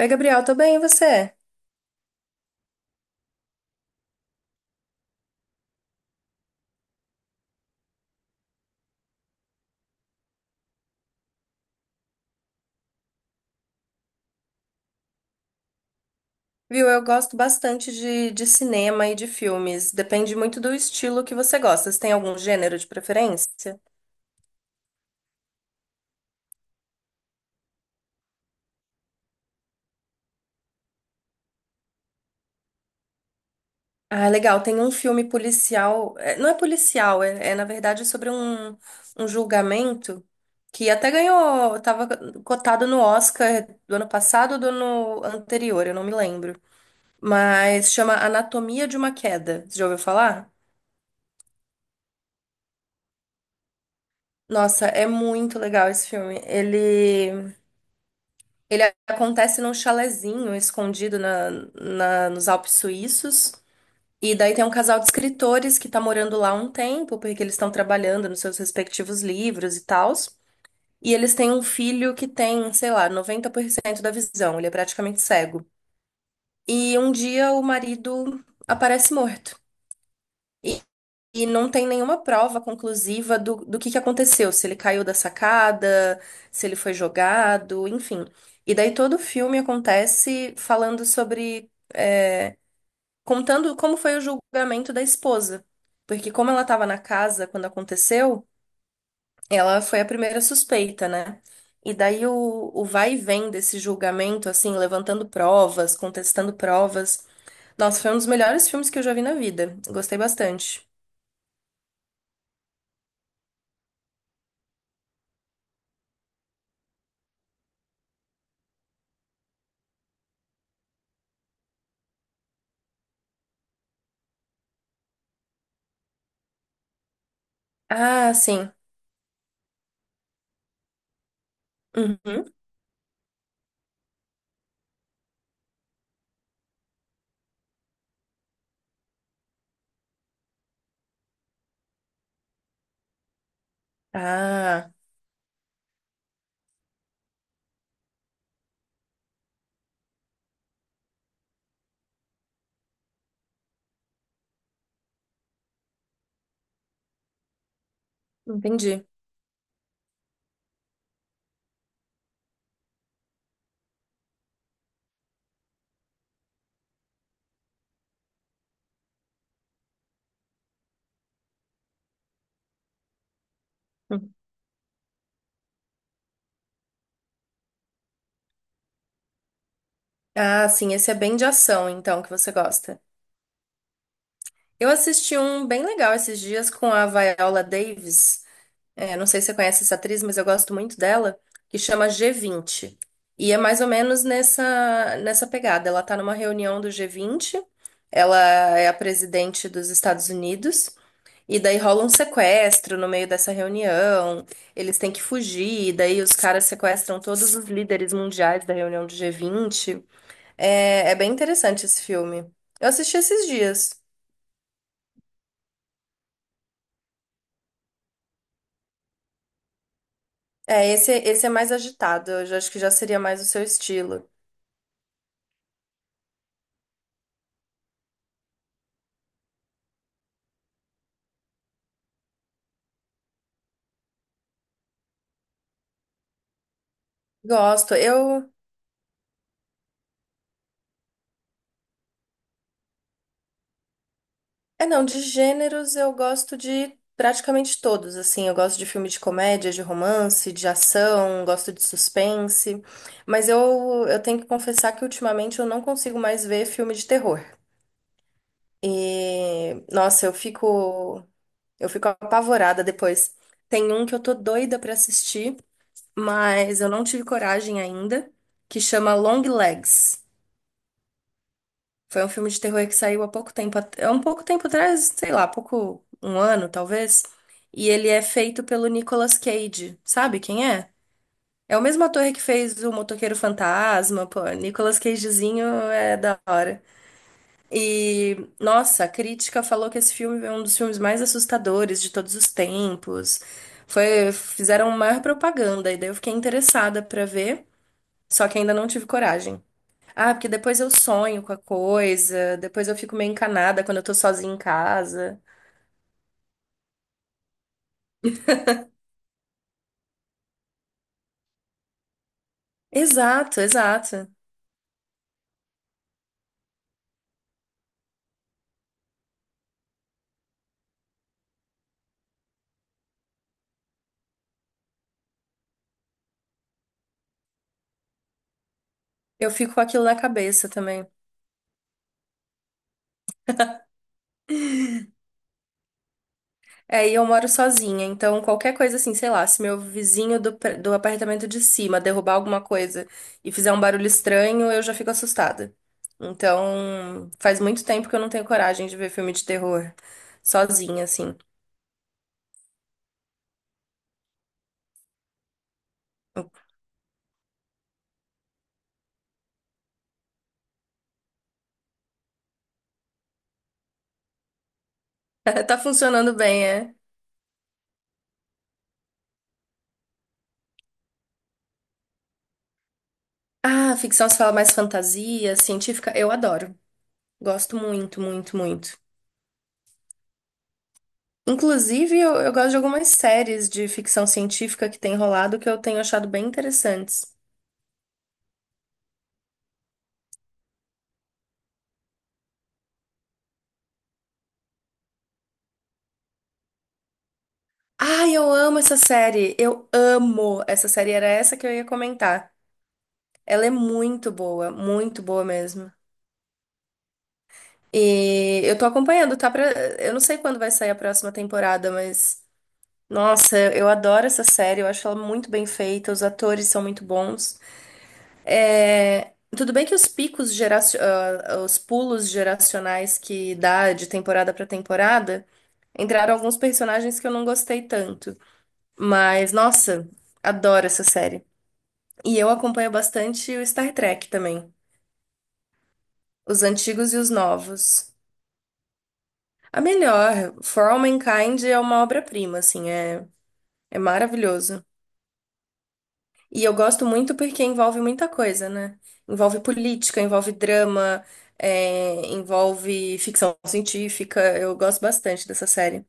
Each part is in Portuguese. Oi, Gabriel, tô bem, e você? Viu, eu gosto bastante de cinema e de filmes. Depende muito do estilo que você gosta. Você tem algum gênero de preferência? Ah, legal. Tem um filme policial. Não é policial, na verdade sobre um julgamento que até ganhou. Tava cotado no Oscar do ano passado ou do ano anterior, eu não me lembro. Mas chama Anatomia de uma Queda. Você já ouviu falar? Nossa, é muito legal esse filme. Ele acontece num chalezinho escondido na, nos Alpes suíços. E daí tem um casal de escritores que tá morando lá há um tempo, porque eles estão trabalhando nos seus respectivos livros e tals. E eles têm um filho que tem, sei lá, 90% da visão, ele é praticamente cego. E um dia o marido aparece morto. E não tem nenhuma prova conclusiva do que aconteceu, se ele caiu da sacada, se ele foi jogado, enfim. E daí todo o filme acontece falando sobre, contando como foi o julgamento da esposa. Porque como ela estava na casa quando aconteceu, ela foi a primeira suspeita, né? E daí o vai e vem desse julgamento, assim, levantando provas, contestando provas. Nossa, foi um dos melhores filmes que eu já vi na vida. Gostei bastante. Ah, sim. Uhum. Ah, entendi. Hum. Ah, sim, esse é bem de ação, então, que você gosta. Eu assisti um bem legal esses dias com a Viola Davis. É, não sei se você conhece essa atriz, mas eu gosto muito dela, que chama G20. E é mais ou menos nessa pegada. Ela tá numa reunião do G20, ela é a presidente dos Estados Unidos. E daí rola um sequestro no meio dessa reunião, eles têm que fugir, e daí os caras sequestram todos os líderes mundiais da reunião do G20. É bem interessante esse filme. Eu assisti esses dias. É, esse é mais agitado, acho que já seria mais o seu estilo. Gosto. Eu. É, não, de gêneros eu gosto de praticamente todos, assim, eu gosto de filme de comédia, de romance, de ação, gosto de suspense, mas eu tenho que confessar que ultimamente eu não consigo mais ver filme de terror. E, nossa, eu fico apavorada depois. Tem um que eu tô doida pra assistir, mas eu não tive coragem ainda, que chama Long Legs. Foi um filme de terror que saiu há pouco tempo, há um pouco tempo atrás, sei lá, pouco, um ano talvez. E ele é feito pelo Nicolas Cage. Sabe quem é? É o mesmo ator que fez o Motoqueiro Fantasma, pô. Nicolas Cagezinho é da hora. E, nossa, a crítica falou que esse filme é um dos filmes mais assustadores de todos os tempos. Foi, fizeram maior propaganda, e daí eu fiquei interessada pra ver, só que ainda não tive coragem. Ah, porque depois eu sonho com a coisa, depois eu fico meio encanada quando eu tô sozinha em casa. Exato, exato. Eu fico com aquilo na cabeça também. É, e eu moro sozinha, então qualquer coisa assim, sei lá, se meu vizinho do, do apartamento de cima derrubar alguma coisa e fizer um barulho estranho, eu já fico assustada. Então, faz muito tempo que eu não tenho coragem de ver filme de terror sozinha, assim. Tá funcionando bem, é? Ah, ficção se fala mais fantasia, científica, eu adoro. Gosto muito, muito, muito. Inclusive, eu gosto de algumas séries de ficção científica que tem rolado que eu tenho achado bem interessantes. Ai, eu amo essa série! Eu amo essa série, era essa que eu ia comentar. Ela é muito boa mesmo. E eu tô acompanhando, tá pra... Eu não sei quando vai sair a próxima temporada, mas... Nossa, eu adoro essa série, eu acho ela muito bem feita, os atores são muito bons. É, tudo bem que os os pulos geracionais que dá de temporada pra temporada, entraram alguns personagens que eu não gostei tanto. Mas, nossa, adoro essa série. E eu acompanho bastante o Star Trek também, os antigos e os novos. A melhor, For All Mankind é uma obra-prima, assim, é maravilhoso. E eu gosto muito porque envolve muita coisa, né? Envolve política, envolve drama, envolve ficção científica. Eu gosto bastante dessa série.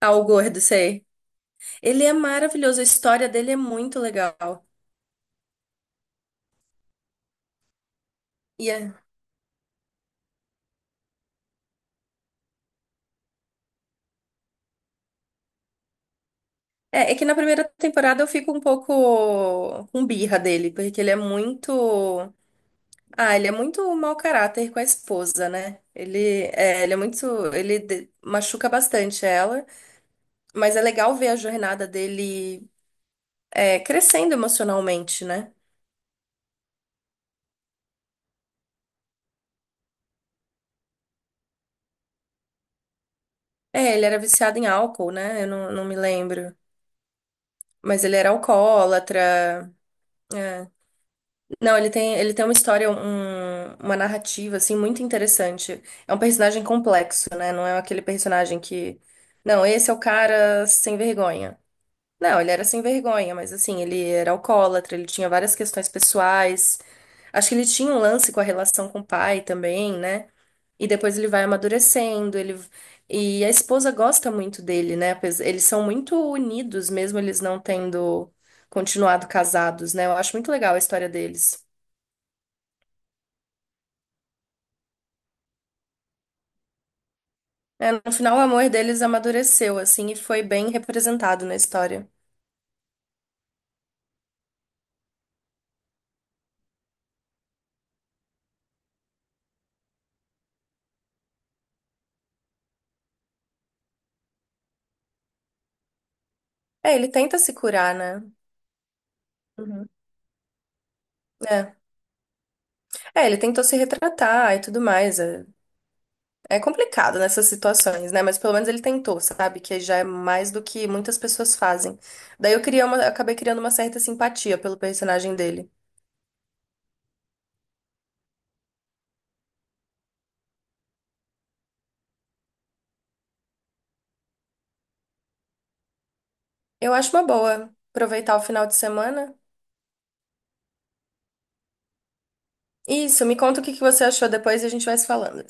Ah, o Gordo, sei. Ele é maravilhoso, a história dele é muito legal. E é, é que na primeira temporada eu fico um pouco com birra dele, porque ele é muito. Ah, ele é muito mau caráter com a esposa, né? Ele é muito. Machuca bastante ela. Mas é legal ver a jornada dele crescendo emocionalmente, né? É, ele era viciado em álcool, né? Eu não, não me lembro. Mas ele era alcoólatra. É. Não, ele tem uma história, uma narrativa, assim, muito interessante. É um personagem complexo, né? Não é aquele personagem que. Não, esse é o cara sem vergonha. Não, ele era sem vergonha, mas assim, ele era alcoólatra, ele tinha várias questões pessoais. Acho que ele tinha um lance com a relação com o pai também, né? E depois ele vai amadurecendo, ele e a esposa gosta muito dele, né? Eles são muito unidos, mesmo eles não tendo continuado casados, né? Eu acho muito legal a história deles. É, no final, o amor deles amadureceu, assim, e foi bem representado na história. É, ele tenta se curar, né? Uhum. É. É, ele tentou se retratar e tudo mais. É. É complicado nessas situações, né? Mas pelo menos ele tentou, sabe? Que já é mais do que muitas pessoas fazem. Daí eu acabei criando uma certa simpatia pelo personagem dele. Eu acho uma boa aproveitar o final de semana. Isso, me conta o que que você achou depois e a gente vai se falando.